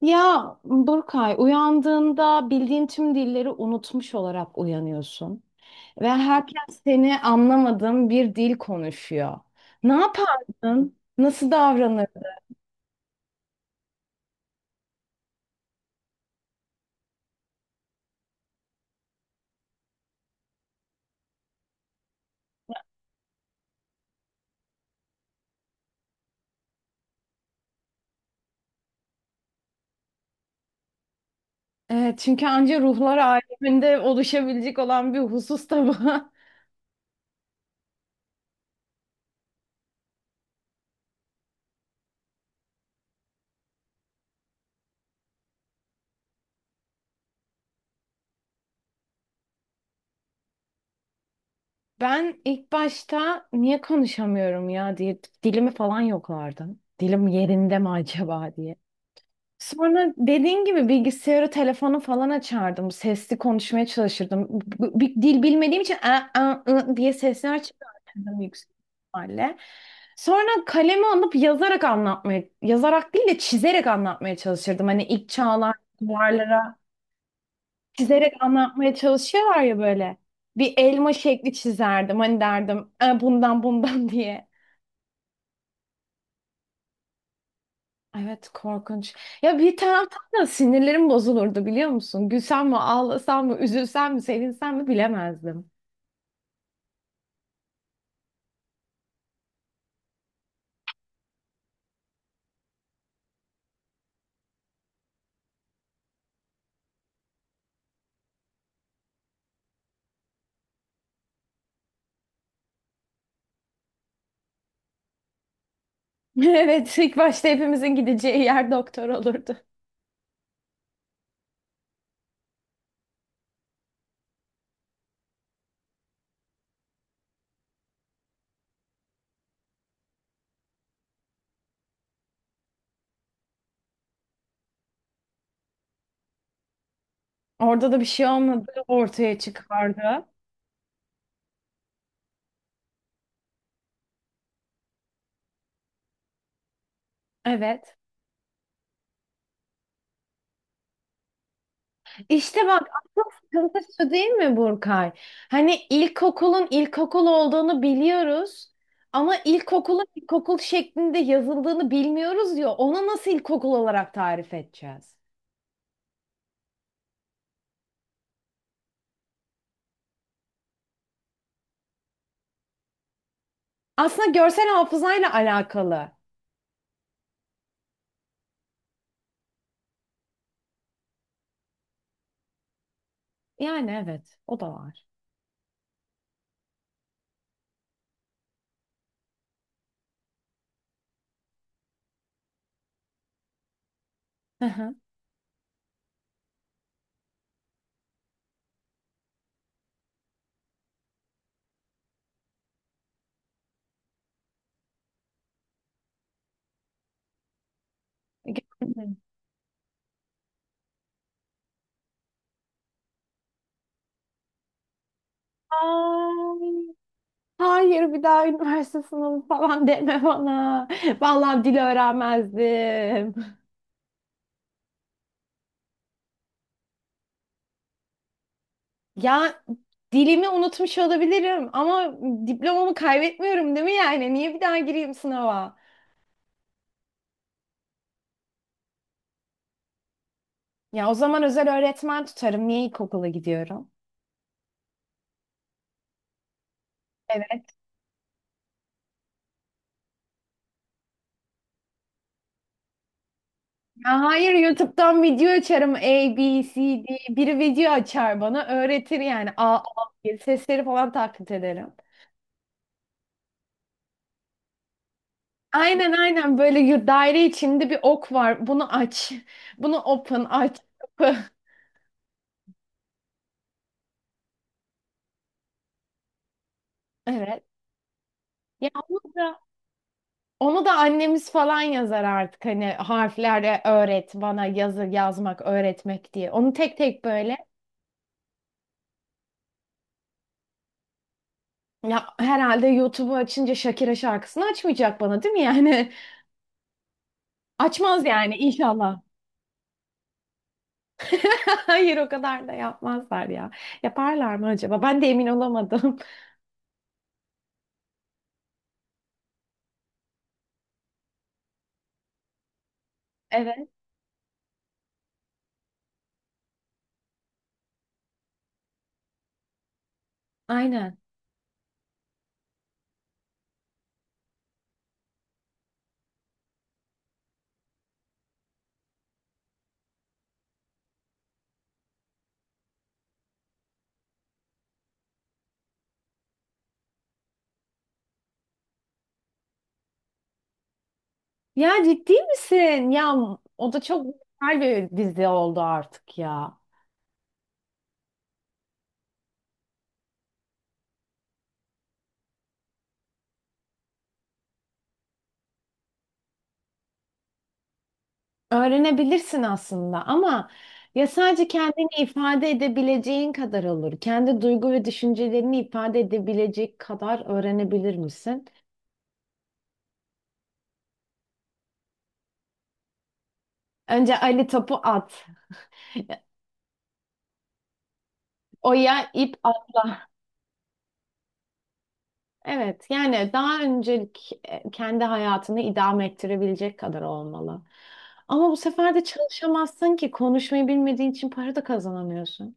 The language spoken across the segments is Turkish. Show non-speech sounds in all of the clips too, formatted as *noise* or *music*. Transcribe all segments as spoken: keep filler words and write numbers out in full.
Ya Burkay, uyandığında bildiğin tüm dilleri unutmuş olarak uyanıyorsun ve herkes seni anlamadığın bir dil konuşuyor. Ne yapardın? Nasıl davranırdın? Evet, çünkü anca ruhlar aleminde oluşabilecek olan bir husus da bu. *laughs* Ben ilk başta niye konuşamıyorum ya diye dilimi falan yoklardım. Dilim yerinde mi acaba diye. Sonra dediğin gibi bilgisayarı, telefonu falan açardım. Sesli konuşmaya çalışırdım. B- Bir dil bilmediğim için "a, a, ı" diye sesler çıkartırdım yüksek ihtimalle. Sonra kalemi alıp yazarak anlatmaya, yazarak değil de çizerek anlatmaya çalışırdım. Hani ilk çağlar duvarlara çizerek anlatmaya çalışıyorlar ya böyle. Bir elma şekli çizerdim. Hani derdim "E, bundan bundan *laughs* diye. Evet, korkunç. Ya bir taraftan da sinirlerim bozulurdu biliyor musun? Gülsem mi, ağlasam mı, üzülsem mi, sevinsem mi bilemezdim. *laughs* Evet, ilk başta hepimizin gideceği yer doktor olurdu. Orada da bir şey olmadı ortaya çıkardı. Evet. İşte bak asıl sıkıntı şu değil mi Burkay? Hani ilkokulun ilkokul olduğunu biliyoruz. Ama ilkokulun ilkokul şeklinde yazıldığını bilmiyoruz ya. Onu nasıl ilkokul olarak tarif edeceğiz? Aslında görsel hafızayla alakalı. Yani evet, o da var. Hı hı. Gördüm. Ay, hayır, bir daha üniversite sınavı falan deme bana. Vallahi dil öğrenmezdim. Ya dilimi unutmuş olabilirim ama diplomamı kaybetmiyorum değil mi yani? Niye bir daha gireyim sınava? Ya o zaman özel öğretmen tutarım. Niye ilkokula gidiyorum? Evet. Ya hayır, YouTube'dan video açarım A, B, C, D. Biri video açar bana öğretir yani A, A diye sesleri falan taklit ederim. Aynen aynen böyle y- daire içinde bir ok var. Bunu aç. Bunu open aç. Kapı. *laughs* Evet. Ya onu da onu da annemiz falan yazar artık hani harflerle öğret bana yazı yazmak öğretmek diye. Onu tek tek böyle ya herhalde YouTube'u açınca Shakira şarkısını açmayacak bana değil mi yani? *laughs* Açmaz yani inşallah. *laughs* Hayır, o kadar da yapmazlar ya. Yaparlar mı acaba? Ben de emin olamadım. *laughs* Evet. Aynen. Ya ciddi misin? Ya o da çok güzel bir dizi oldu artık ya. Öğrenebilirsin aslında ama ya sadece kendini ifade edebileceğin kadar olur. Kendi duygu ve düşüncelerini ifade edebilecek kadar öğrenebilir misin? Önce Ali topu at. Oya ip atla. Evet, yani daha öncelik e, kendi hayatını idame ettirebilecek kadar olmalı. Ama bu sefer de çalışamazsın ki konuşmayı bilmediğin için para da kazanamıyorsun.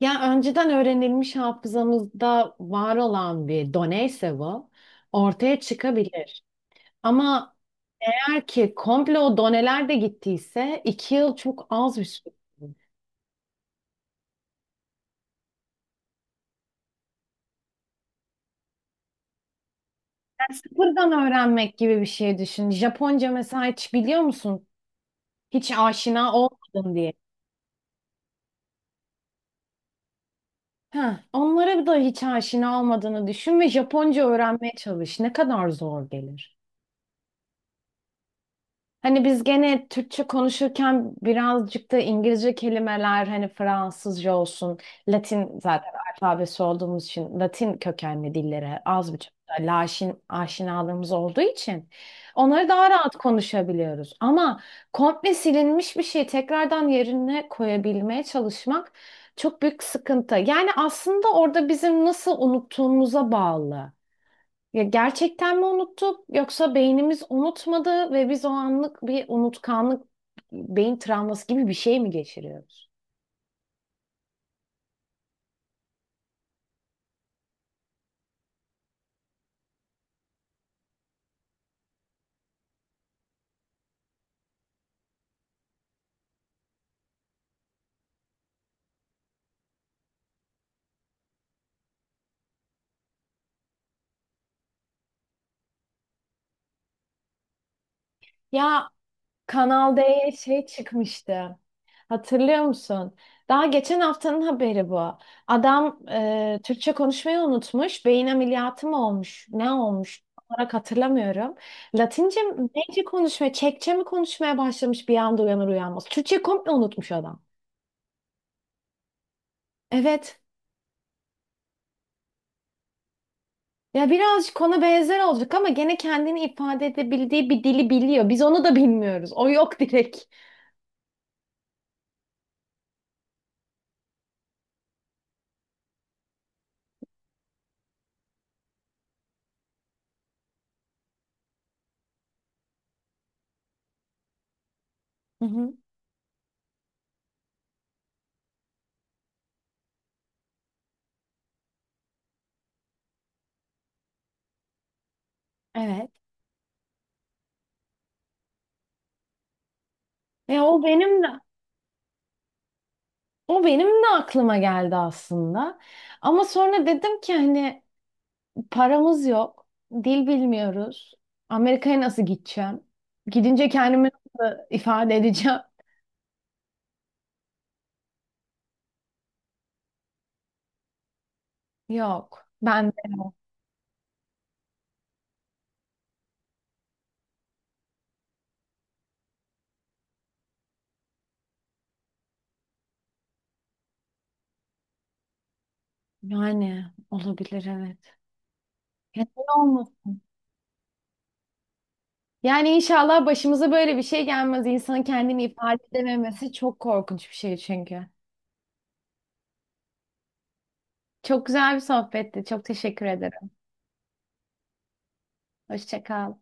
Ya önceden öğrenilmiş hafızamızda var olan bir doneyse bu ortaya çıkabilir. Ama eğer ki komple o doneler de gittiyse iki yıl çok az bir süre. Yani sıfırdan öğrenmek gibi bir şey düşün. Japonca mesela hiç biliyor musun? Hiç aşina olmadın diye. Heh, onlara da hiç aşina olmadığını düşün ve Japonca öğrenmeye çalış. Ne kadar zor gelir. Hani biz gene Türkçe konuşurken birazcık da İngilizce kelimeler hani Fransızca olsun, Latin zaten alfabesi olduğumuz için Latin kökenli dillere az buçuk da laşin aşinalığımız olduğu için onları daha rahat konuşabiliyoruz. Ama komple silinmiş bir şeyi tekrardan yerine koyabilmeye çalışmak çok büyük sıkıntı. Yani aslında orada bizim nasıl unuttuğumuza bağlı. Ya gerçekten mi unuttuk yoksa beynimiz unutmadı ve biz o anlık bir unutkanlık, beyin travması gibi bir şey mi geçiriyoruz? Ya Kanal D'ye şey çıkmıştı. Hatırlıyor musun? Daha geçen haftanın haberi bu. Adam e, Türkçe konuşmayı unutmuş. Beyin ameliyatı mı olmuş? Ne olmuş? Tam olarak hatırlamıyorum. Latince mi? Neyce konuşmaya, Çekçe mi konuşmaya başlamış bir anda uyanır uyanmaz. Türkçe komple unutmuş adam. Evet. Ya birazcık ona benzer olacak ama gene kendini ifade edebildiği bir dili biliyor. Biz onu da bilmiyoruz. O yok direkt. Hı hı. Evet. Ya o benim de o benim de aklıma geldi aslında. Ama sonra dedim ki hani paramız yok. Dil bilmiyoruz. Amerika'ya nasıl gideceğim? Gidince kendimi nasıl ifade edeceğim? *laughs* Yok. Ben de yani olabilir evet. Neden olmasın? Yani inşallah başımıza böyle bir şey gelmez. İnsanın kendini ifade edememesi çok korkunç bir şey çünkü. Çok güzel bir sohbetti. Çok teşekkür ederim. Hoşça kal.